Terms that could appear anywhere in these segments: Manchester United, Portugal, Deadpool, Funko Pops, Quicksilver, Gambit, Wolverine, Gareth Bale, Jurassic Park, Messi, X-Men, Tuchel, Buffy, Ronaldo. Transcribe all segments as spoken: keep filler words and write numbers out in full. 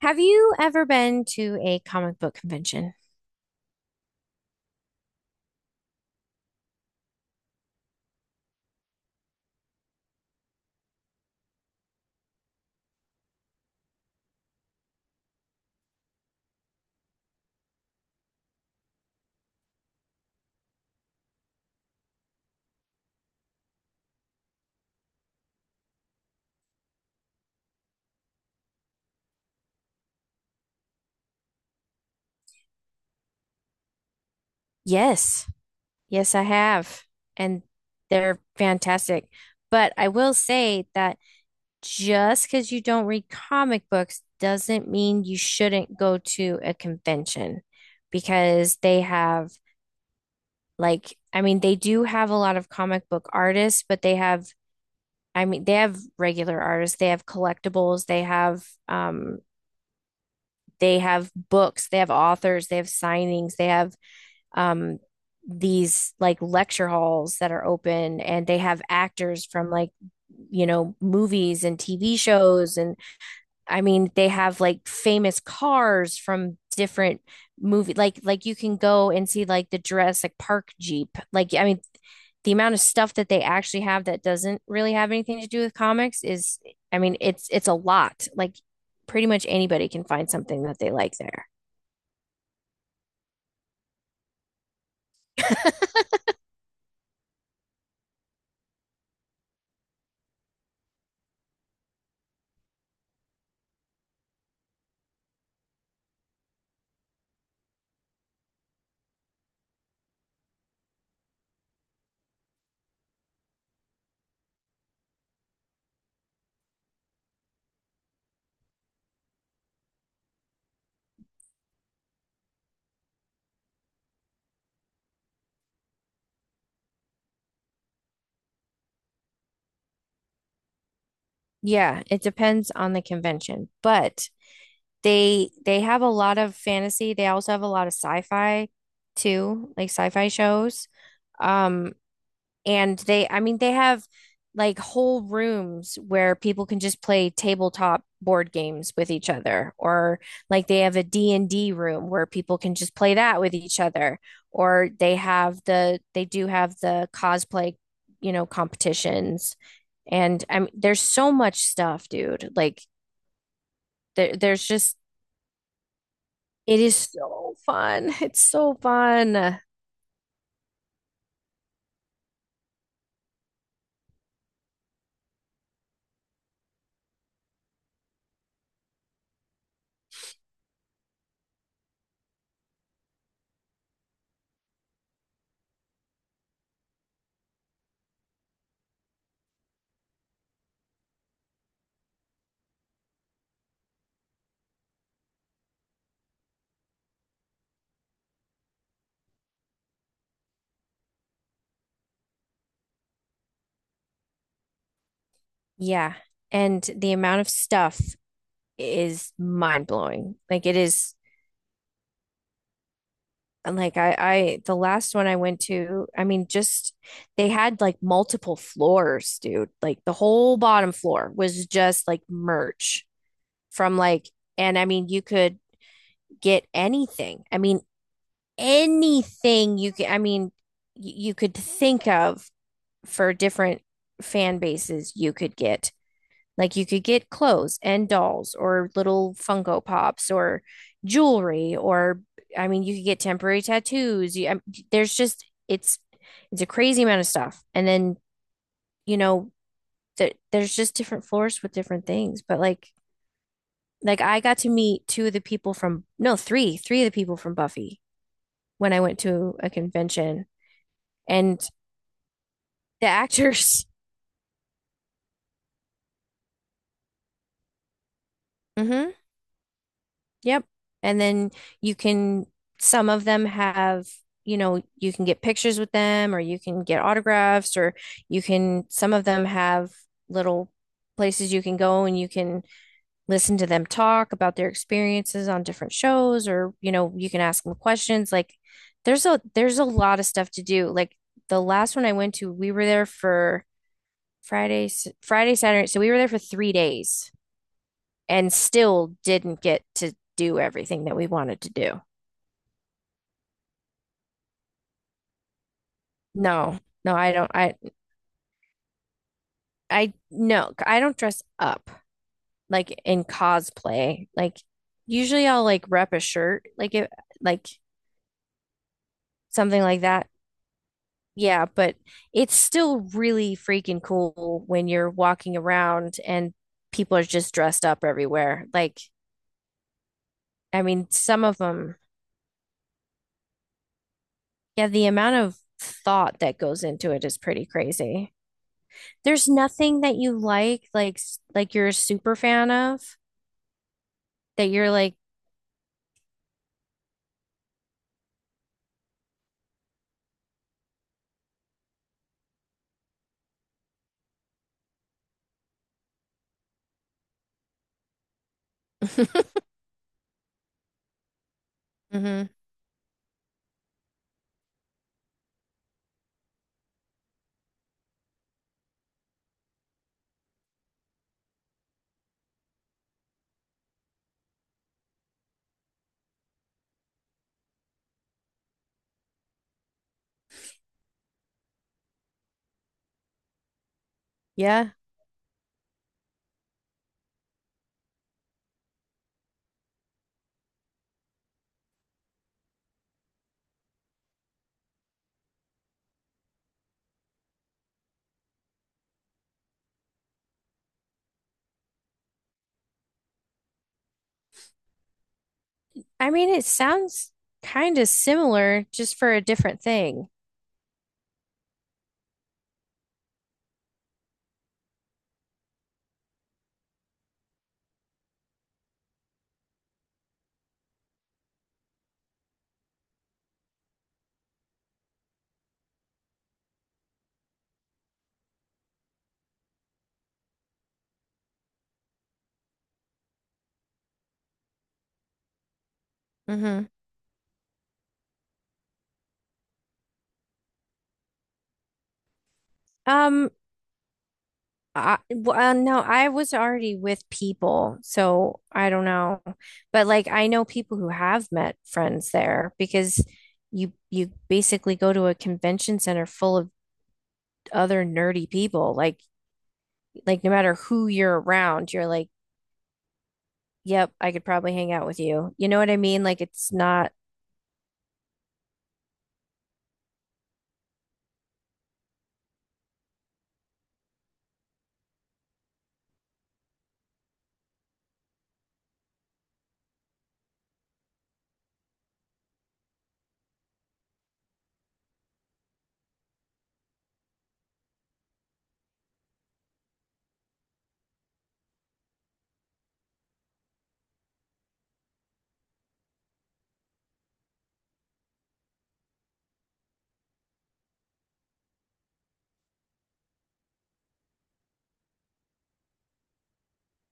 Have you ever been to a comic book convention? Yes. Yes, I have. And they're fantastic. But I will say that just because you don't read comic books doesn't mean you shouldn't go to a convention because they have, like, I mean, they do have a lot of comic book artists, but they have, I mean, they have regular artists, they have collectibles, they have, um, they have books, they have authors, they have signings, they have um, these like lecture halls that are open, and they have actors from like, you know, movies and T V shows and I mean, they have like famous cars from different movie like like you can go and see like the Jurassic Park Jeep. Like I mean, the amount of stuff that they actually have that doesn't really have anything to do with comics is I mean, it's it's a lot. Like pretty much anybody can find something that they like there. Yeah, it depends on the convention, but they they have a lot of fantasy. They also have a lot of sci-fi too, like sci-fi shows. Um And they, I mean, they have like whole rooms where people can just play tabletop board games with each other, or like they have a D and d room where people can just play that with each other, or they have the, they do have the cosplay, you know, competitions. And I mean, there's so much stuff, dude. Like there, there's just, it is so fun. It's so fun. Yeah. And the amount of stuff is mind blowing. Like it is. And, Like I, I, The last one I went to, I mean, just they had like multiple floors, dude. Like the whole bottom floor was just like merch from like, and I mean, you could get anything. I mean, anything you could, I mean, y- you could think of for different fan bases you could get. Like you could get clothes and dolls or little Funko Pops or jewelry or I mean you could get temporary tattoos. You, I, there's just it's It's a crazy amount of stuff. And then, you know, th there's just different floors with different things, but like like I got to meet two of the people from no, three, three of the people from Buffy when I went to a convention and the actors. Hmm. Yep. And then you can, some of them have, you know, you can get pictures with them or you can get autographs or you can, some of them have little places you can go and you can listen to them talk about their experiences on different shows or, you know, you can ask them questions. Like there's a, there's a lot of stuff to do. Like the last one I went to, we were there for Friday, s- Friday, Saturday. So we were there for three days and still didn't get to do everything that we wanted to do. No, no, I don't. I, I, no, I don't dress up like in cosplay. Like, usually I'll like rep a shirt, like it, like something like that. Yeah, but it's still really freaking cool when you're walking around and people are just dressed up everywhere. Like, I mean, some of them, yeah, the amount of thought that goes into it is pretty crazy. There's nothing that you like, like s- like you're a super fan of that you're like, hmm yeah. I mean, it sounds kind of similar, just for a different thing. Hmm. Um, I, well, no, I was already with people, so I don't know. But like, I know people who have met friends there because you you basically go to a convention center full of other nerdy people. Like, like no matter who you're around, you're like yep, I could probably hang out with you. You know what I mean? Like it's not,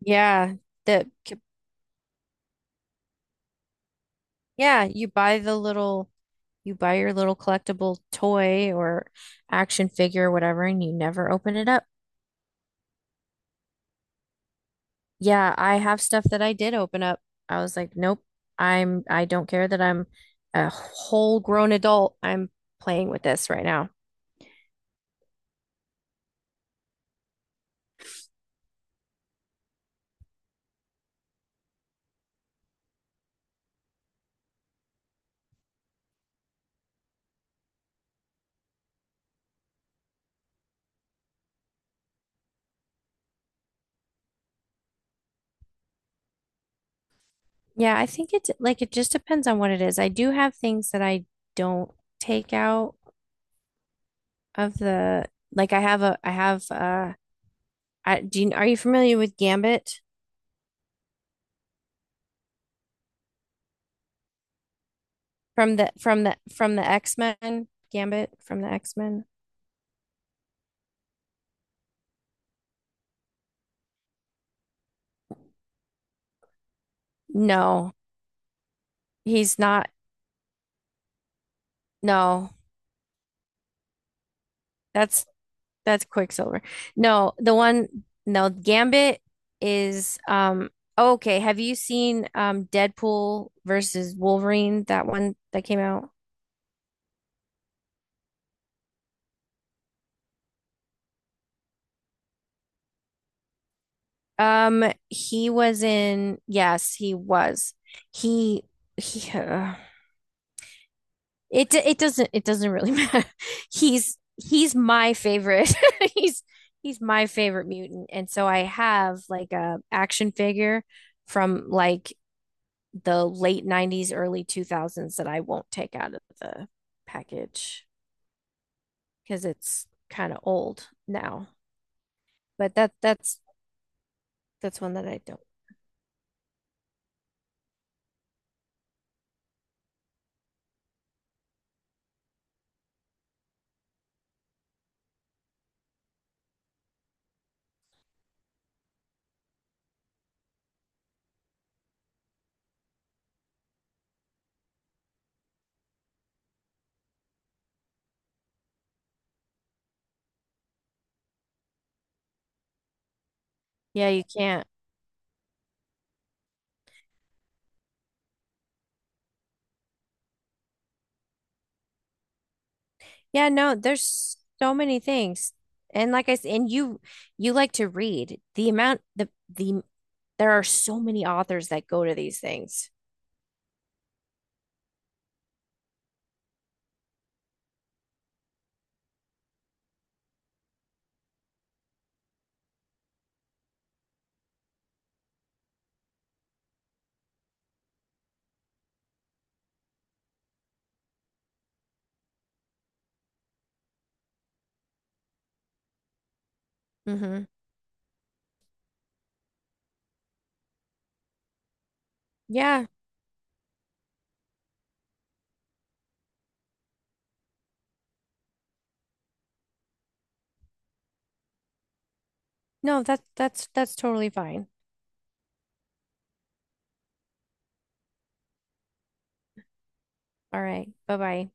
yeah, the, yeah, you buy the little, you buy your little collectible toy or action figure or whatever, and you never open it up. Yeah, I have stuff that I did open up. I was like, nope, I'm, I don't care that I'm a whole grown adult. I'm playing with this right now. Yeah, I think it's like it just depends on what it is. I do have things that I don't take out of the like I have a I have uh I, do you, are you familiar with Gambit from the from the from the X-Men? Gambit from the X-Men? No, he's not. No, that's that's Quicksilver. No, the one No, Gambit is um oh, okay. Have you seen um Deadpool versus Wolverine? That one that came out. Um, he was in. Yes, he was. He he. Uh, it it doesn't it doesn't really matter. He's he's my favorite. he's he's my favorite mutant, and so I have like a action figure from like the late nineties early two thousands that I won't take out of the package because it's kind of old now but that that's that's one that I don't yeah you can't. Yeah, no, there's so many things. And like I said, and you you like to read. The amount the the there are so many authors that go to these things. Mm-hmm. Yeah. No, that's that's that's totally fine. All right. Bye-bye.